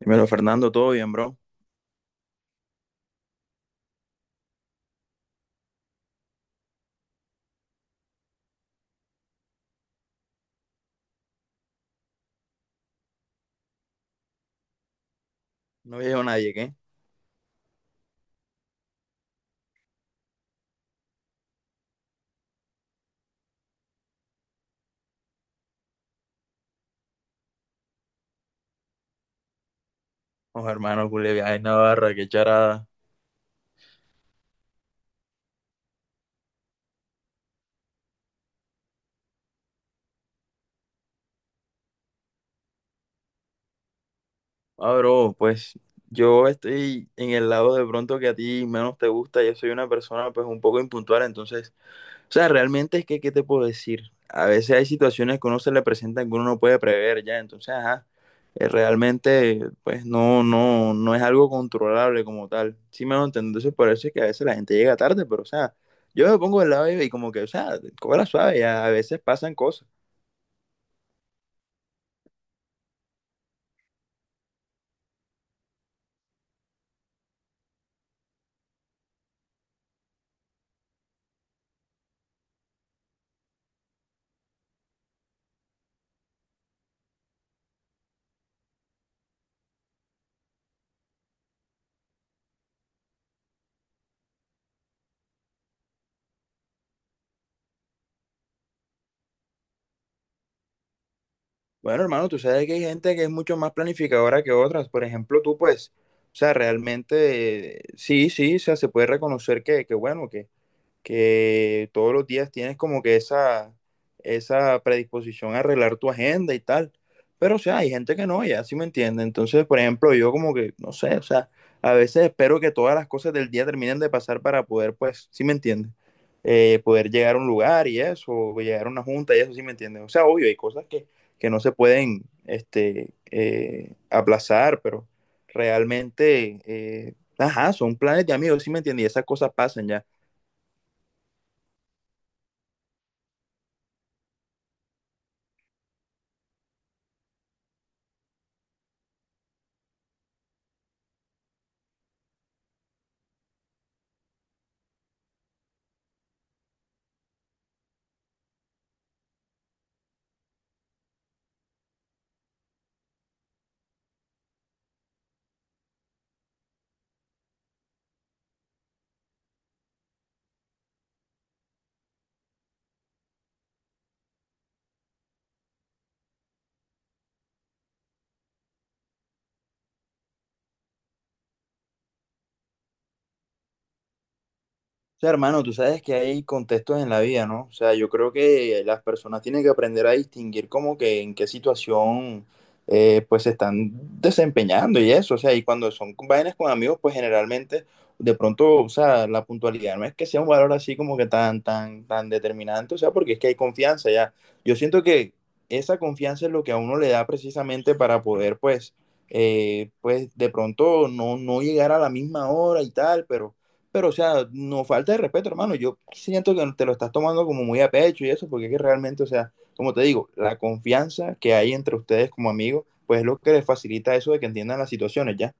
Dímelo, Fernando, ¿todo bien, bro? No veo a nadie, ¿qué? Oh, hermano, culé, ay, Navarra, qué charada. Ah, bro, pues yo estoy en el lado de pronto que a ti menos te gusta. Yo soy una persona, pues, un poco impuntual, entonces. O sea, realmente es que, ¿qué te puedo decir? A veces hay situaciones que uno se le presentan que uno no puede prever ya, entonces, ajá, realmente, pues no, no, no es algo controlable como tal. Sí me lo entiendo, entonces por eso es que a veces la gente llega tarde, pero, o sea, yo me pongo del lado y como que, o sea, la suave, ya, a veces pasan cosas. Bueno, hermano, tú sabes que hay gente que es mucho más planificadora que otras, por ejemplo, tú, pues, o sea, realmente, sí, sí, o sea, se puede reconocer que bueno, que todos los días tienes como que esa predisposición a arreglar tu agenda y tal. Pero, o sea, hay gente que no, ya sí me entiende. Entonces, por ejemplo, yo como que, no sé, o sea, a veces espero que todas las cosas del día terminen de pasar para poder, pues, sí me entiende. Poder llegar a un lugar y eso, o llegar a una junta y eso, sí me entiende. O sea, obvio, hay cosas que no se pueden, este, aplazar, pero realmente, ajá, son planes de amigos, sí me entiende, y esas cosas pasan ya. O sea, hermano, tú sabes que hay contextos en la vida, ¿no? O sea, yo creo que las personas tienen que aprender a distinguir como que en qué situación pues se están desempeñando y eso. O sea, y cuando son vainas con amigos, pues generalmente de pronto, o sea, la puntualidad no es que sea un valor así como que tan, tan, tan determinante, o sea, porque es que hay confianza ya. Yo siento que esa confianza es lo que a uno le da precisamente para poder, pues, pues de pronto no llegar a la misma hora y tal, pero, o sea, no falta de respeto, hermano. Yo siento que te lo estás tomando como muy a pecho y eso, porque es que realmente, o sea, como te digo, la confianza que hay entre ustedes como amigos, pues es lo que les facilita eso de que entiendan las situaciones, ¿ya?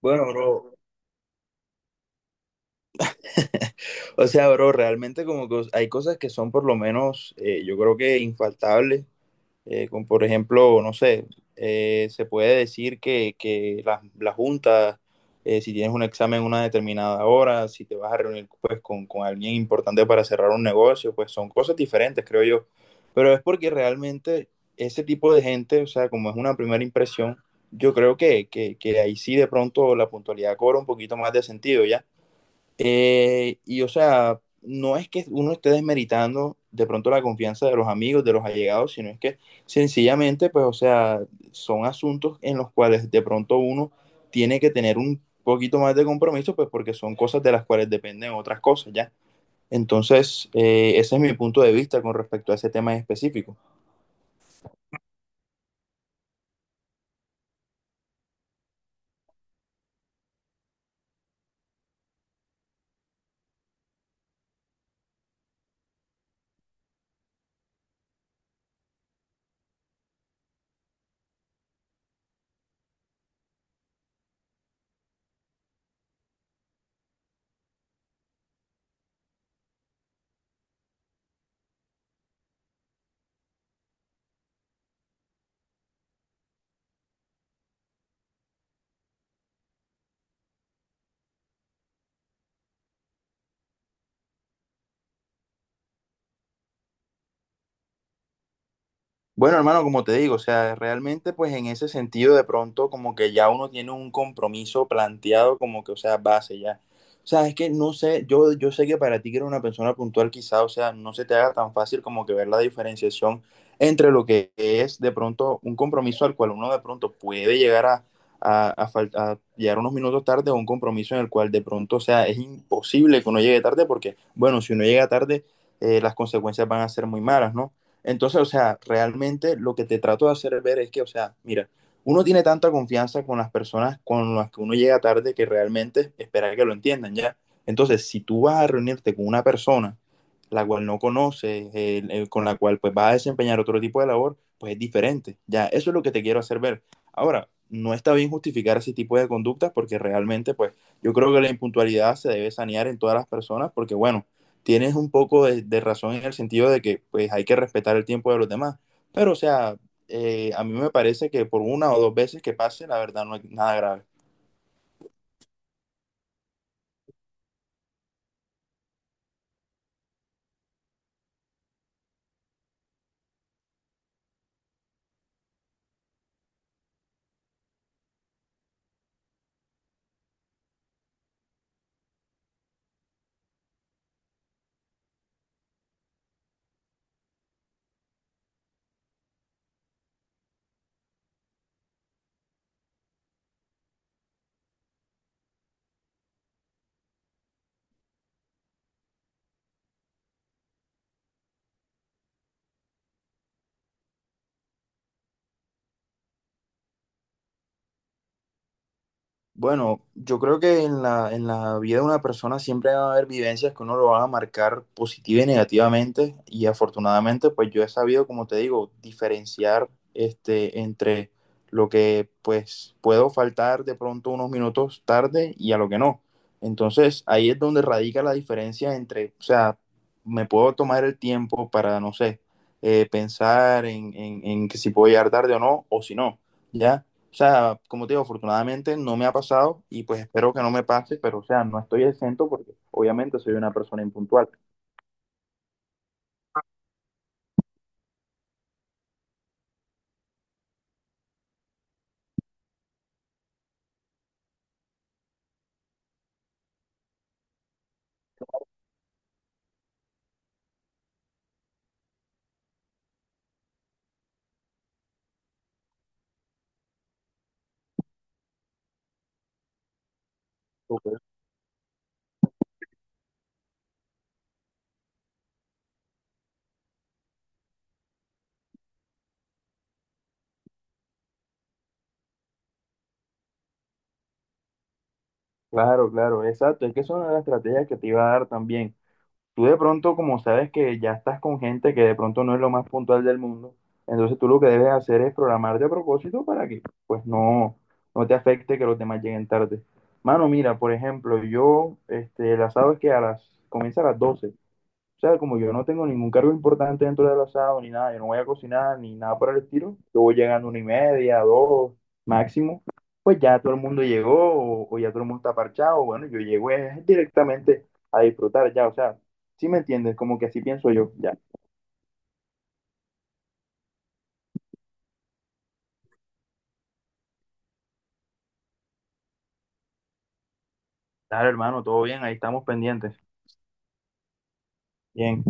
Bueno, bro, o sea, bro, realmente como que hay cosas que son por lo menos, yo creo que infaltables con, por ejemplo, no sé, se puede decir que las juntas, si tienes un examen en una determinada hora, si te vas a reunir pues, con alguien importante para cerrar un negocio, pues son cosas diferentes, creo yo. Pero es porque realmente ese tipo de gente, o sea, como es una primera impresión, yo creo que ahí sí de pronto la puntualidad cobra un poquito más de sentido, ¿ya? Y o sea, no es que uno esté desmeritando de pronto la confianza de los amigos, de los allegados, sino es que sencillamente, pues, o sea, son asuntos en los cuales de pronto uno tiene que tener un poquito más de compromiso, pues porque son cosas de las cuales dependen otras cosas, ¿ya? Entonces, ese es mi punto de vista con respecto a ese tema en específico. Bueno, hermano, como te digo, o sea, realmente pues en ese sentido de pronto como que ya uno tiene un compromiso planteado como que, o sea, base ya. O sea, es que no sé, yo sé que para ti que eres una persona puntual quizá, o sea, no se te haga tan fácil como que ver la diferenciación entre lo que es de pronto un compromiso al cual uno de pronto puede llegar a llegar unos minutos tarde o un compromiso en el cual de pronto, o sea, es imposible que uno llegue tarde porque, bueno, si uno llega tarde, las consecuencias van a ser muy malas, ¿no? Entonces, o sea, realmente lo que te trato de hacer ver es que, o sea, mira, uno tiene tanta confianza con las personas con las que uno llega tarde que realmente espera que lo entiendan, ¿ya? Entonces, si tú vas a reunirte con una persona la cual no conoces, con la cual pues vas a desempeñar otro tipo de labor, pues es diferente, ¿ya? Eso es lo que te quiero hacer ver. Ahora, no está bien justificar ese tipo de conductas porque realmente, pues, yo creo que la impuntualidad se debe sanear en todas las personas porque, bueno, tienes un poco de razón en el sentido de que pues hay que respetar el tiempo de los demás. Pero, o sea, a mí me parece que por una o dos veces que pase, la verdad no es nada grave. Bueno, yo creo que en la vida de una persona siempre va a haber vivencias que uno lo van a marcar positiva y negativamente y afortunadamente pues yo he sabido, como te digo, diferenciar entre lo que pues puedo faltar de pronto unos minutos tarde y a lo que no. Entonces ahí es donde radica la diferencia entre, o sea, me puedo tomar el tiempo para, no sé, pensar en que si puedo llegar tarde o no, o si no, ¿ya? O sea, como te digo, afortunadamente no me ha pasado y pues espero que no me pase, pero o sea, no estoy exento porque obviamente soy una persona impuntual. Ok. Claro, claro, exacto. Es que es una de las estrategias que te iba a dar también. Tú de pronto, como sabes que ya estás con gente que de pronto no es lo más puntual del mundo, entonces tú lo que debes hacer es programarte a propósito para que pues no te afecte que los demás lleguen tarde. Mano, mira, por ejemplo, yo, el asado es que comienza a las 12. O sea, como yo no tengo ningún cargo importante dentro del asado ni nada, yo no voy a cocinar ni nada por el estilo, yo voy llegando 1:30, dos, máximo, pues ya todo el mundo llegó o ya todo el mundo está parchado, bueno, yo llego directamente a disfrutar ya, o sea, ¿sí me entiendes? Como que así pienso yo, ya. Claro, hermano, todo bien, ahí estamos pendientes. Bien.